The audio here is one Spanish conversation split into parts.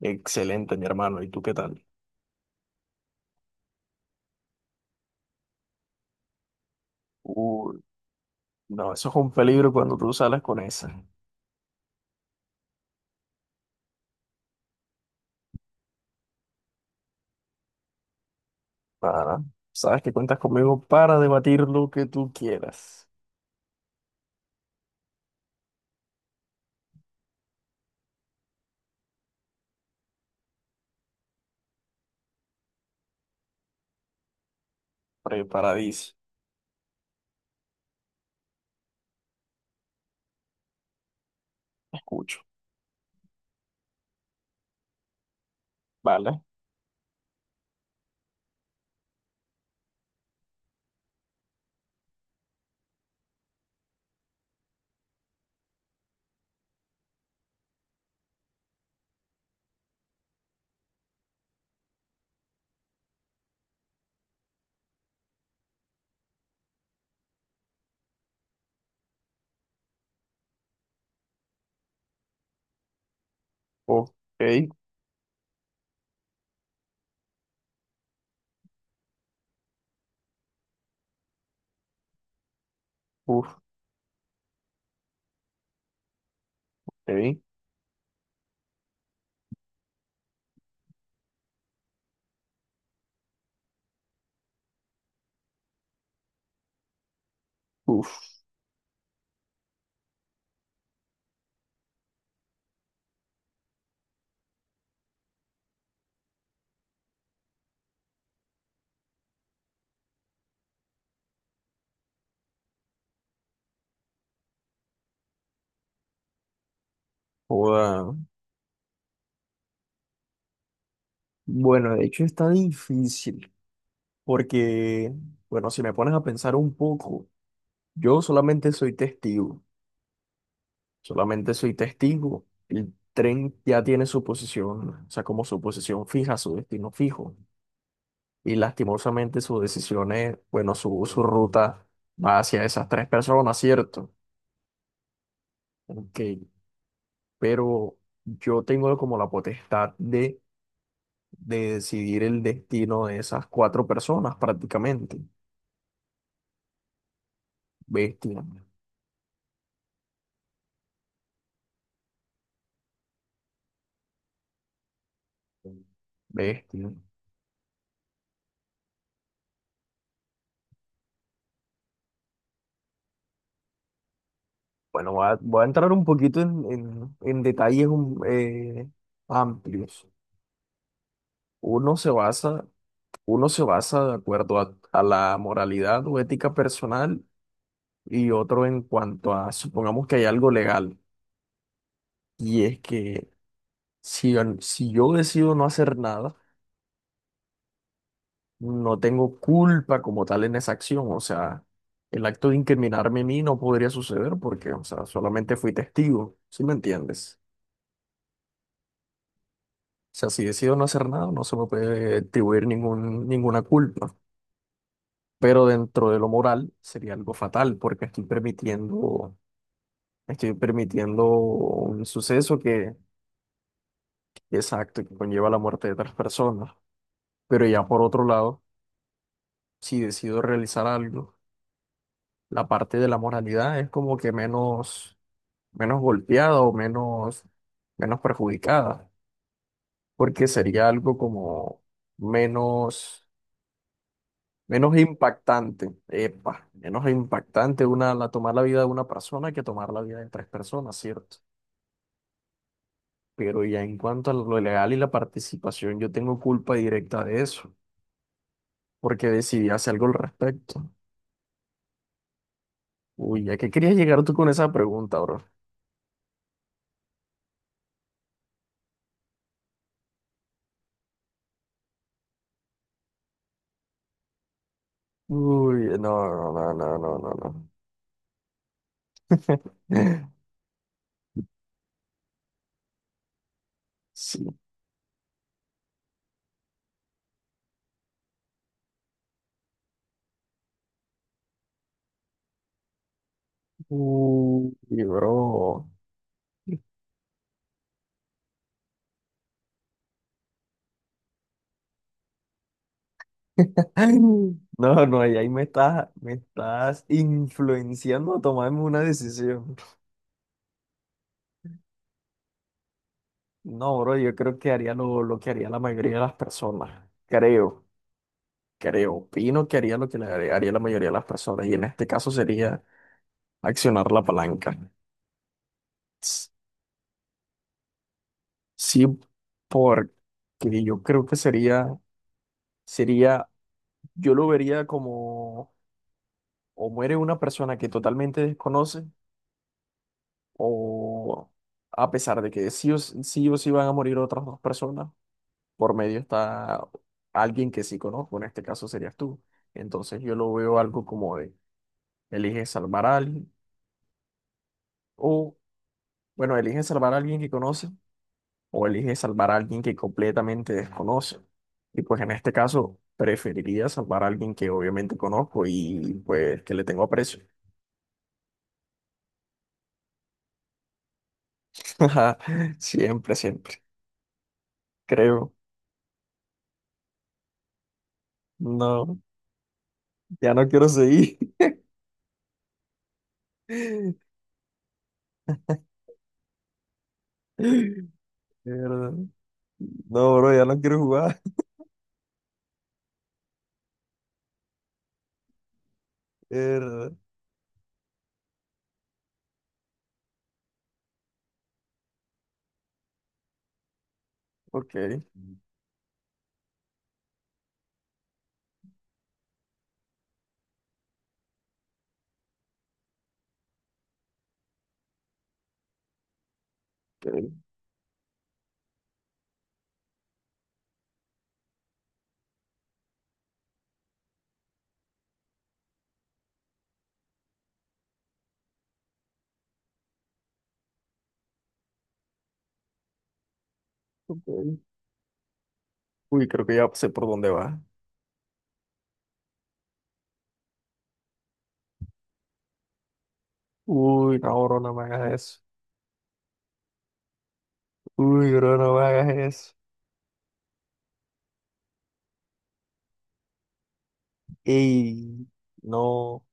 Excelente, mi hermano. ¿Y tú qué tal? Uy, no, eso es un peligro cuando tú sales con esa. Para, sabes que cuentas conmigo para debatir lo que tú quieras. Preparadísimo. Escucho. Vale. Ok. Uf. Ok. Uf. Joda. Bueno, de hecho está difícil. Porque, bueno, si me pones a pensar un poco, yo solamente soy testigo. Solamente soy testigo. El tren ya tiene su posición, o sea, como su posición fija, su destino fijo, y lastimosamente sus decisiones, bueno, su ruta va hacia esas tres personas, ¿cierto? Ok, pero yo tengo como la potestad de decidir el destino de esas cuatro personas prácticamente. Bestia, bestia. Bueno, voy a entrar un poquito en, en detalles amplios. Uno se basa, uno se basa de acuerdo a la moralidad o ética personal y otro en cuanto a, supongamos que hay algo legal, y es que si, si yo decido no hacer nada, no tengo culpa como tal en esa acción, o sea, el acto de incriminarme a mí no podría suceder porque, o sea, solamente fui testigo, ¿sí me entiendes? O sea, si decido no hacer nada, no se me puede atribuir ninguna culpa, pero dentro de lo moral sería algo fatal porque estoy permitiendo un suceso que, exacto, que conlleva la muerte de otras personas. Pero ya por otro lado, si decido realizar algo, la parte de la moralidad es como que menos golpeada o menos perjudicada, porque sería algo como menos, menos impactante, epa, menos impactante una, la, tomar la vida de una persona que tomar la vida de tres personas, ¿cierto? Pero ya en cuanto a lo legal y la participación, yo tengo culpa directa de eso, porque decidí hacer algo al respecto. Uy, ¿a qué querías llegar tú con esa pregunta, bro? Uy, no, no, no, no, no, no, no. Sí. Uy, bro. Ay, No, no, ahí me estás influenciando a tomarme una decisión. No, bro, yo creo que haría lo que haría la mayoría de las personas. Creo, creo, opino que haría lo que le haría haría la mayoría de las personas. Y en este caso sería accionar la palanca. S- Sí, porque yo creo que sería, sería, yo lo vería como o muere una persona que totalmente desconoce, o a pesar de que sí, o sí van a morir otras dos personas, por medio está alguien que sí conozco, en este caso serías tú. Entonces yo lo veo algo como de, elige salvar a alguien, o bueno, elige salvar a alguien que conoce, o elige salvar a alguien que completamente desconoce. Y pues en este caso preferiría salvar a alguien que obviamente conozco y pues que le tengo aprecio. Siempre, siempre, creo. No. Ya no quiero seguir. Mierda. No, bro, ya no quiero jugar. Mierda. Ok, ok, ok. Uy, creo que ya sé por dónde va. Uy, no, bro, no me hagas eso. Uy, bro, no me hagas eso. Ey, no,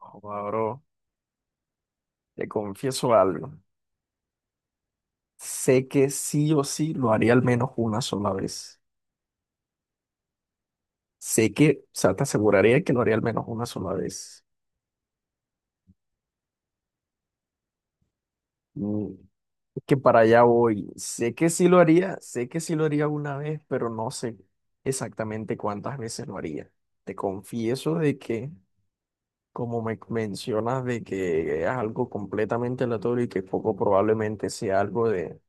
joda, bro, te confieso algo. Sé que sí o sí lo haría al menos una sola vez. Sé que, o sea, te aseguraría que lo haría al menos una sola vez. Mm, es que para allá voy. Sé que sí lo haría, sé que sí lo haría una vez, pero no sé exactamente cuántas veces lo haría. Te confieso de que, como me mencionas, de que es algo completamente aleatorio y que poco probablemente sea algo de,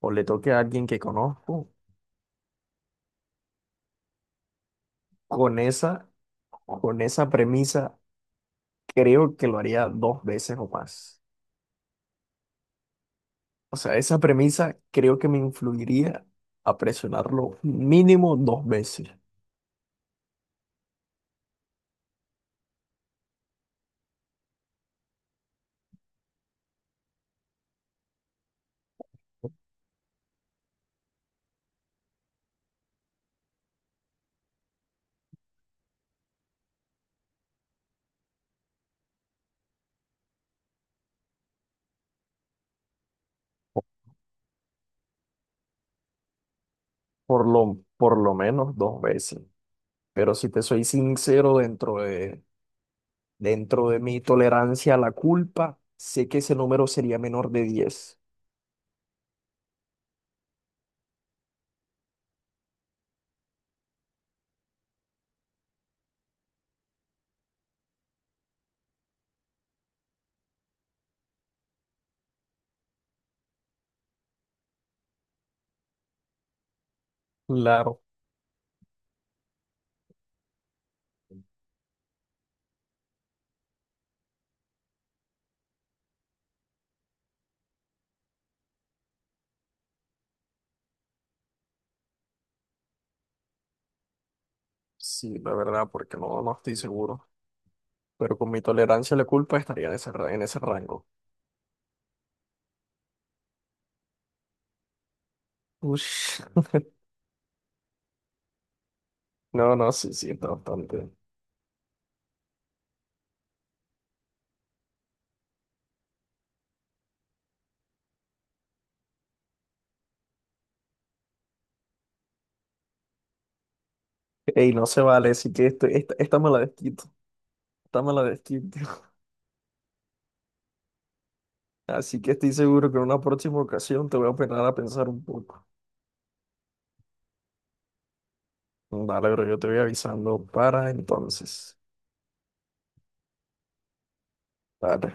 o le toque a alguien que conozco, con esa, con esa premisa, creo que lo haría dos veces o más. O sea, esa premisa creo que me influiría a presionarlo mínimo dos veces. Por lo menos dos veces. Pero si te soy sincero, dentro de mi tolerancia a la culpa, sé que ese número sería menor de 10. Claro. Sí, la verdad, porque no, no estoy seguro. Pero con mi tolerancia a la culpa estaría en ese, en ese rango. Ush. No, no, sí, sí, está bastante. Ey, no se vale, así que esto, esta me la desquito. Esta me la desquito. Así que estoy seguro que en una próxima ocasión te voy a operar a pensar un poco. Dale, pero yo te voy avisando para entonces. Dale.